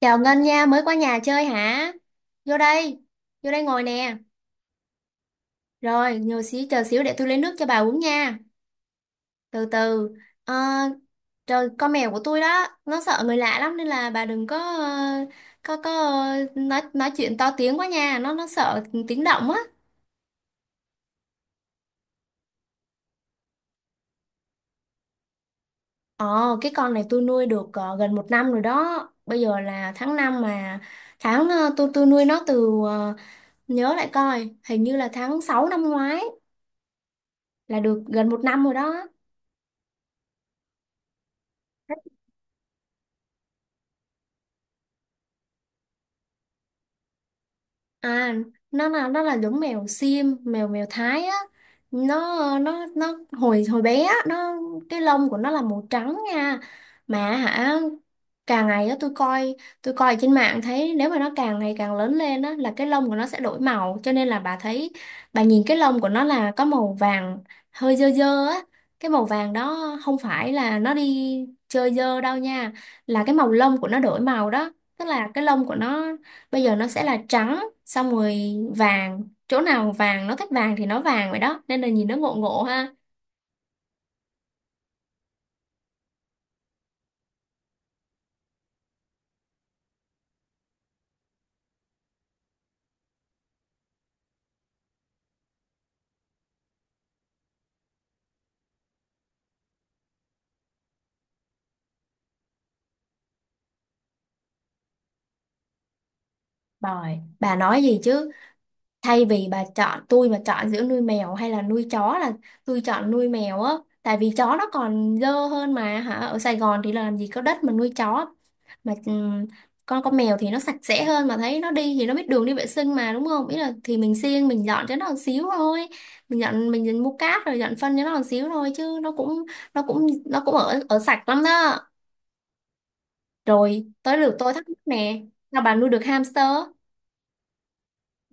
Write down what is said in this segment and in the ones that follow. Chào Ngân nha, mới qua nhà chơi hả? Vô đây, vô đây ngồi nè. Rồi, ngồi xíu, chờ xíu để tôi lấy nước cho bà uống nha. Từ từ, Ờ, trời, con mèo của tôi đó, nó sợ người lạ lắm nên là bà đừng có có nói chuyện to tiếng quá nha, nó sợ tiếng động á. Ờ, cái con này tôi nuôi được gần một năm rồi đó. Bây giờ là tháng 5 mà tháng tôi nuôi nó từ nhớ lại coi, hình như là tháng 6 năm ngoái, là được gần một năm rồi đó. À, nó là giống mèo xiêm, mèo mèo Thái á. Nó hồi hồi bé á, nó cái lông của nó là màu trắng nha. Mà hả, càng ngày á tôi coi trên mạng thấy nếu mà nó càng ngày càng lớn lên á là cái lông của nó sẽ đổi màu, cho nên là bà thấy, bà nhìn cái lông của nó là có màu vàng hơi dơ dơ á. Cái màu vàng đó không phải là nó đi chơi dơ đâu nha, là cái màu lông của nó đổi màu đó. Tức là cái lông của nó bây giờ nó sẽ là trắng, xong rồi vàng chỗ nào vàng, nó thích vàng thì nó vàng vậy đó, nên là nhìn nó ngộ ngộ ha. Rồi bà nói gì chứ, thay vì bà chọn, tôi mà chọn giữa nuôi mèo hay là nuôi chó là tôi chọn nuôi mèo á, tại vì chó nó còn dơ hơn mà hả, ở Sài Gòn thì làm gì có đất mà nuôi chó. Mà con mèo thì nó sạch sẽ hơn mà, thấy nó đi thì nó biết đường đi vệ sinh mà đúng không, ý là thì mình siêng mình dọn cho nó một xíu thôi, mình dọn mình mua cát rồi dọn phân cho nó một xíu thôi chứ nó cũng ở ở sạch lắm đó. Rồi tới lượt tôi thắc mắc nè, sao bà nuôi được hamster?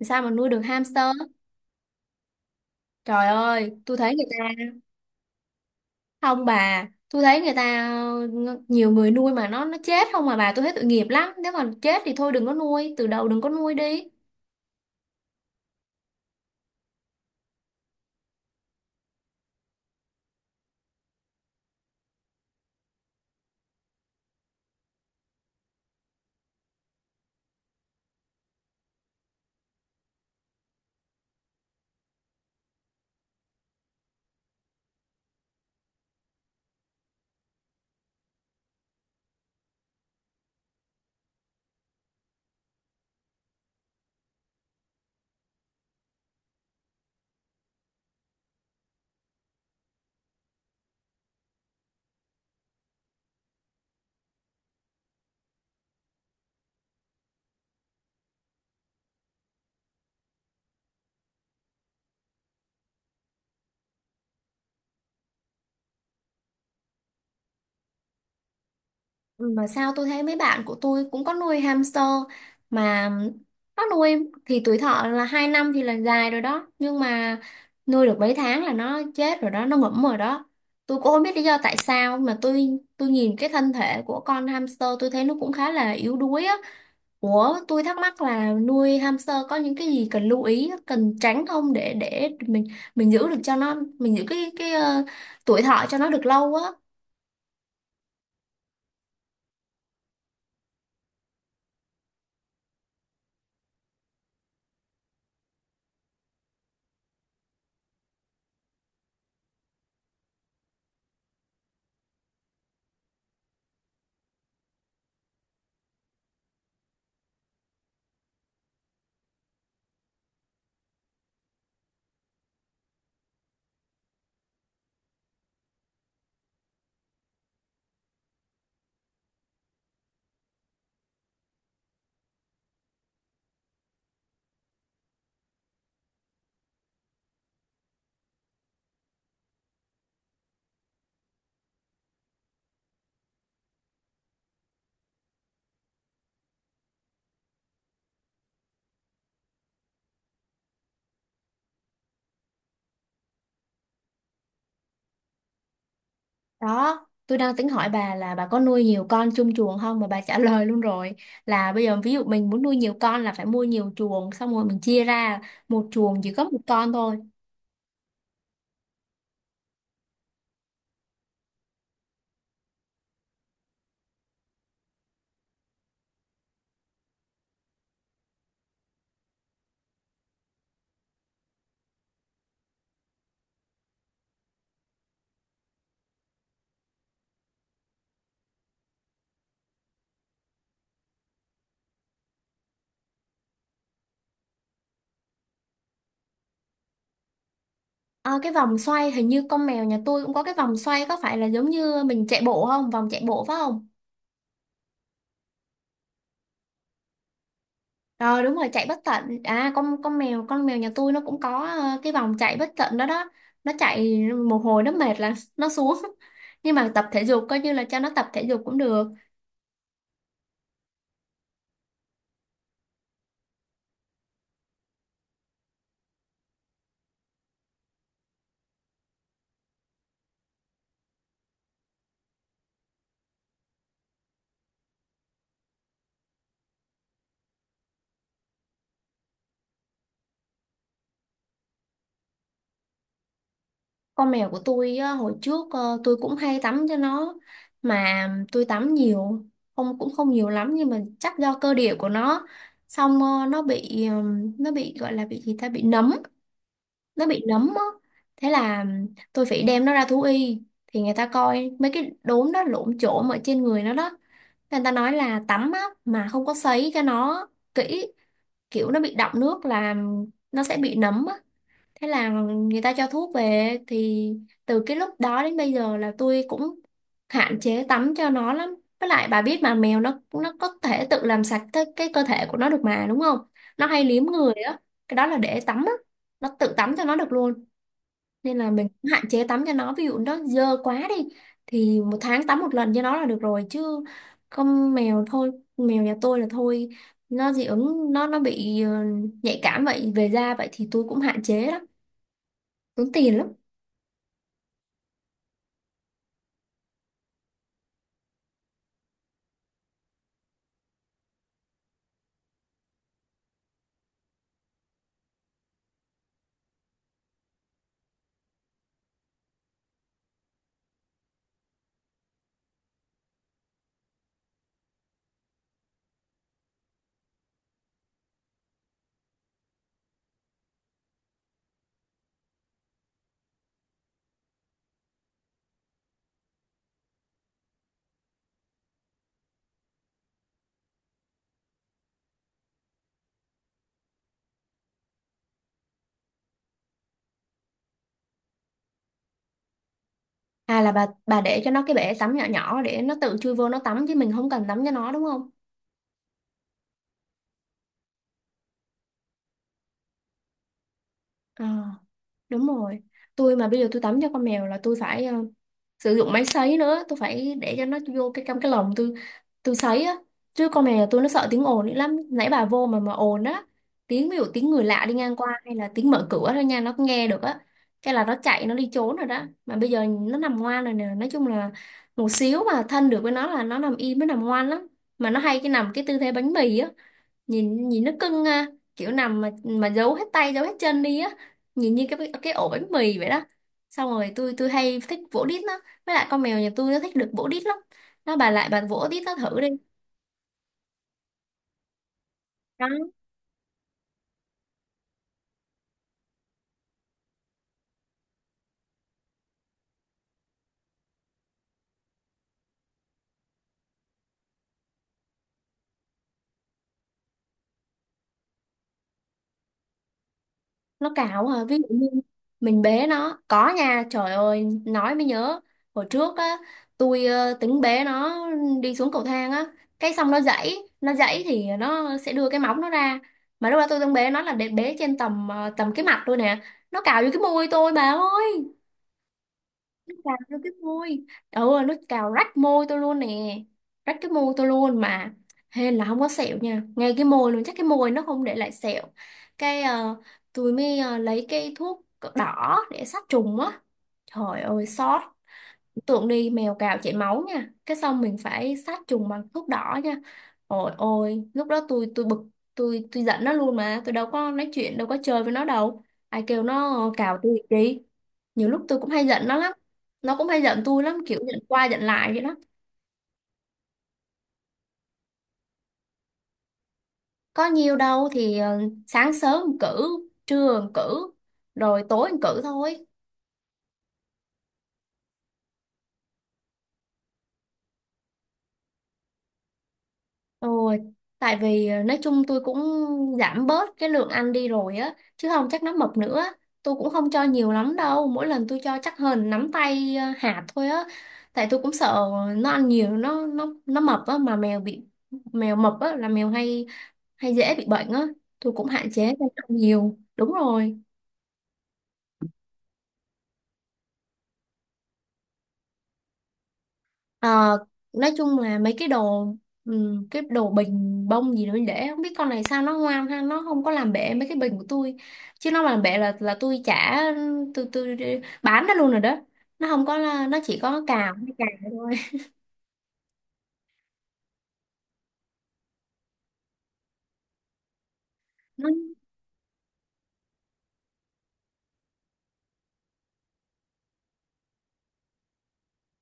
Sao mà nuôi được hamster? Trời ơi tôi thấy người ta, không bà, tôi thấy người ta nhiều người nuôi mà nó chết không mà bà, tôi thấy tội nghiệp lắm, nếu mà chết thì thôi đừng có nuôi, từ đầu đừng có nuôi đi. Ừ. Mà sao tôi thấy mấy bạn của tôi cũng có nuôi hamster mà nó nuôi thì tuổi thọ là 2 năm thì là dài rồi đó, nhưng mà nuôi được mấy tháng là nó chết rồi đó, nó ngủm rồi đó. Tôi cũng không biết lý do tại sao mà tôi nhìn cái thân thể của con hamster tôi thấy nó cũng khá là yếu đuối á. Ủa tôi thắc mắc là nuôi hamster có những cái gì cần lưu ý, cần tránh không, để mình giữ được cho nó, mình giữ cái tuổi thọ cho nó được lâu á. Đó, tôi đang tính hỏi bà là bà có nuôi nhiều con chung chuồng không, mà bà trả lời luôn rồi, là bây giờ ví dụ mình muốn nuôi nhiều con là phải mua nhiều chuồng, xong rồi mình chia ra một chuồng chỉ có một con thôi. Ờ, cái vòng xoay hình như con mèo nhà tôi cũng có cái vòng xoay, có phải là giống như mình chạy bộ không? Vòng chạy bộ phải không? Rồi đúng rồi, chạy bất tận. À, con mèo nhà tôi nó cũng có cái vòng chạy bất tận đó đó. Nó chạy một hồi nó mệt là nó xuống. Nhưng mà tập thể dục coi như là cho nó tập thể dục cũng được. Con mèo của tôi á, hồi trước tôi cũng hay tắm cho nó, mà tôi tắm nhiều, không cũng không nhiều lắm, nhưng mà chắc do cơ địa của nó, xong nó bị gọi là bị gì ta, bị nấm, nó bị nấm á. Thế là tôi phải đem nó ra thú y, thì người ta coi mấy cái đốm đó lổm chổm ở trên người nó đó, người ta nói là tắm á mà không có sấy cho nó kỹ, kiểu nó bị đọng nước là nó sẽ bị nấm á. Thế là người ta cho thuốc về, thì từ cái lúc đó đến bây giờ là tôi cũng hạn chế tắm cho nó lắm, với lại bà biết mà mèo nó có thể tự làm sạch cái, cơ thể của nó được mà đúng không? Nó hay liếm người á, cái đó là để tắm á, nó tự tắm cho nó được luôn, nên là mình cũng hạn chế tắm cho nó. Ví dụ nó dơ quá đi thì một tháng tắm một lần cho nó là được rồi, chứ không mèo, thôi mèo nhà tôi là thôi, nó dị ứng, nó bị nhạy cảm vậy về da vậy thì tôi cũng hạn chế lắm, tốn tiền lắm. À là bà để cho nó cái bể tắm nhỏ nhỏ để nó tự chui vô nó tắm chứ mình không cần tắm cho nó đúng không? Ờ, đúng rồi, tôi mà bây giờ tôi tắm cho con mèo là tôi phải sử dụng máy sấy nữa, tôi phải để cho nó vô cái, trong cái lồng, tôi sấy á, chứ con này là tôi, nó sợ tiếng ồn nữa lắm, nãy bà vô mà ồn á, tiếng, ví dụ tiếng người lạ đi ngang qua hay là tiếng mở cửa thôi nha, nó cũng nghe được á, cái là nó chạy, nó đi trốn rồi đó. Mà bây giờ nó nằm ngoan rồi nè, nói chung là một xíu mà thân được với nó là nó nằm im, nó nằm ngoan lắm. Mà nó hay cái nằm cái tư thế bánh mì á, nhìn nhìn nó cưng ha, kiểu nằm mà giấu hết tay giấu hết chân đi á, nhìn như cái ổ bánh mì vậy đó. Xong rồi tôi hay thích vỗ đít nó, với lại con mèo nhà tôi nó thích được vỗ đít lắm, nó bà lại bà vỗ đít nó thử đi. Đó, nó cào à, ví dụ như mình bế nó có nha. Trời ơi, nói mới nhớ, hồi trước á, tôi tính bế nó đi xuống cầu thang á, cái xong nó giãy, nó giãy thì nó sẽ đưa cái móng nó ra. Mà lúc đó tôi đang bế nó là để bế trên tầm tầm cái mặt tôi nè, nó cào vô cái môi tôi bà ơi. Nước cào vô cái môi, ừ, nó cào rách môi tôi luôn nè, rách cái môi tôi luôn mà. Hên là không có sẹo nha, ngay cái môi luôn, chắc cái môi nó không để lại sẹo. Cái tôi mới lấy cái thuốc đỏ để sát trùng á, trời ơi xót. Tượng đi mèo cào chảy máu nha, cái xong mình phải sát trùng bằng thuốc đỏ nha. Ôi ôi, lúc đó tôi bực, tôi giận nó luôn, mà tôi đâu có nói chuyện, đâu có chơi với nó đâu, ai kêu nó cào tôi chi. Nhiều lúc tôi cũng hay giận nó lắm, nó cũng hay giận tôi lắm, kiểu giận qua giận lại vậy đó. Có nhiều đâu thì sáng sớm cử, trưa cử, rồi tối cử thôi. Ôi, tại vì nói chung tôi cũng giảm bớt cái lượng ăn đi rồi á, chứ không chắc nó mập nữa. Tôi cũng không cho nhiều lắm đâu, mỗi lần tôi cho chắc hơn nắm tay hạt thôi á. Tại tôi cũng sợ nó ăn nhiều, nó mập á, mà mèo bị, mèo mập á là mèo hay hay dễ bị bệnh á. Tôi cũng hạn chế cho nó ăn nhiều. Đúng rồi. Ờ, nói chung là mấy cái đồ bình bông gì đó mình để, không biết con này sao nó ngoan ha, nó không có làm bể mấy cái bình của tôi, chứ nó mà làm bể là tôi trả, tôi bán nó luôn rồi đó. Nó không có, nó chỉ có cào cào thôi.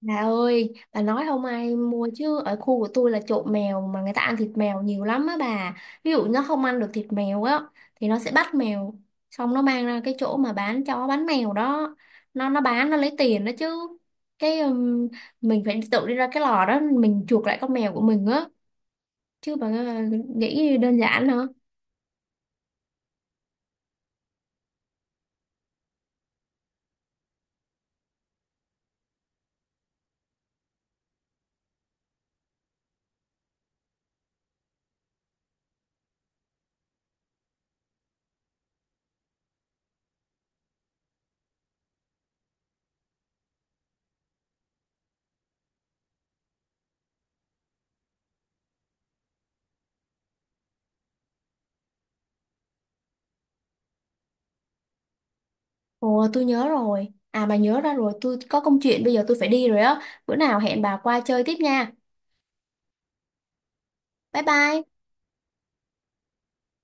Bà ơi, bà nói không ai mua chứ ở khu của tôi là trộm mèo, mà người ta ăn thịt mèo nhiều lắm á bà. Ví dụ nó không ăn được thịt mèo á thì nó sẽ bắt mèo, xong nó mang ra cái chỗ mà bán chó bán mèo đó. Nó bán nó lấy tiền đó chứ. Cái mình phải tự đi ra cái lò đó mình chuộc lại con mèo của mình á. Chứ bà nghĩ đơn giản hả? Ồ tôi nhớ rồi. À bà nhớ ra rồi, tôi có công chuyện bây giờ tôi phải đi rồi á. Bữa nào hẹn bà qua chơi tiếp nha. Bye bye.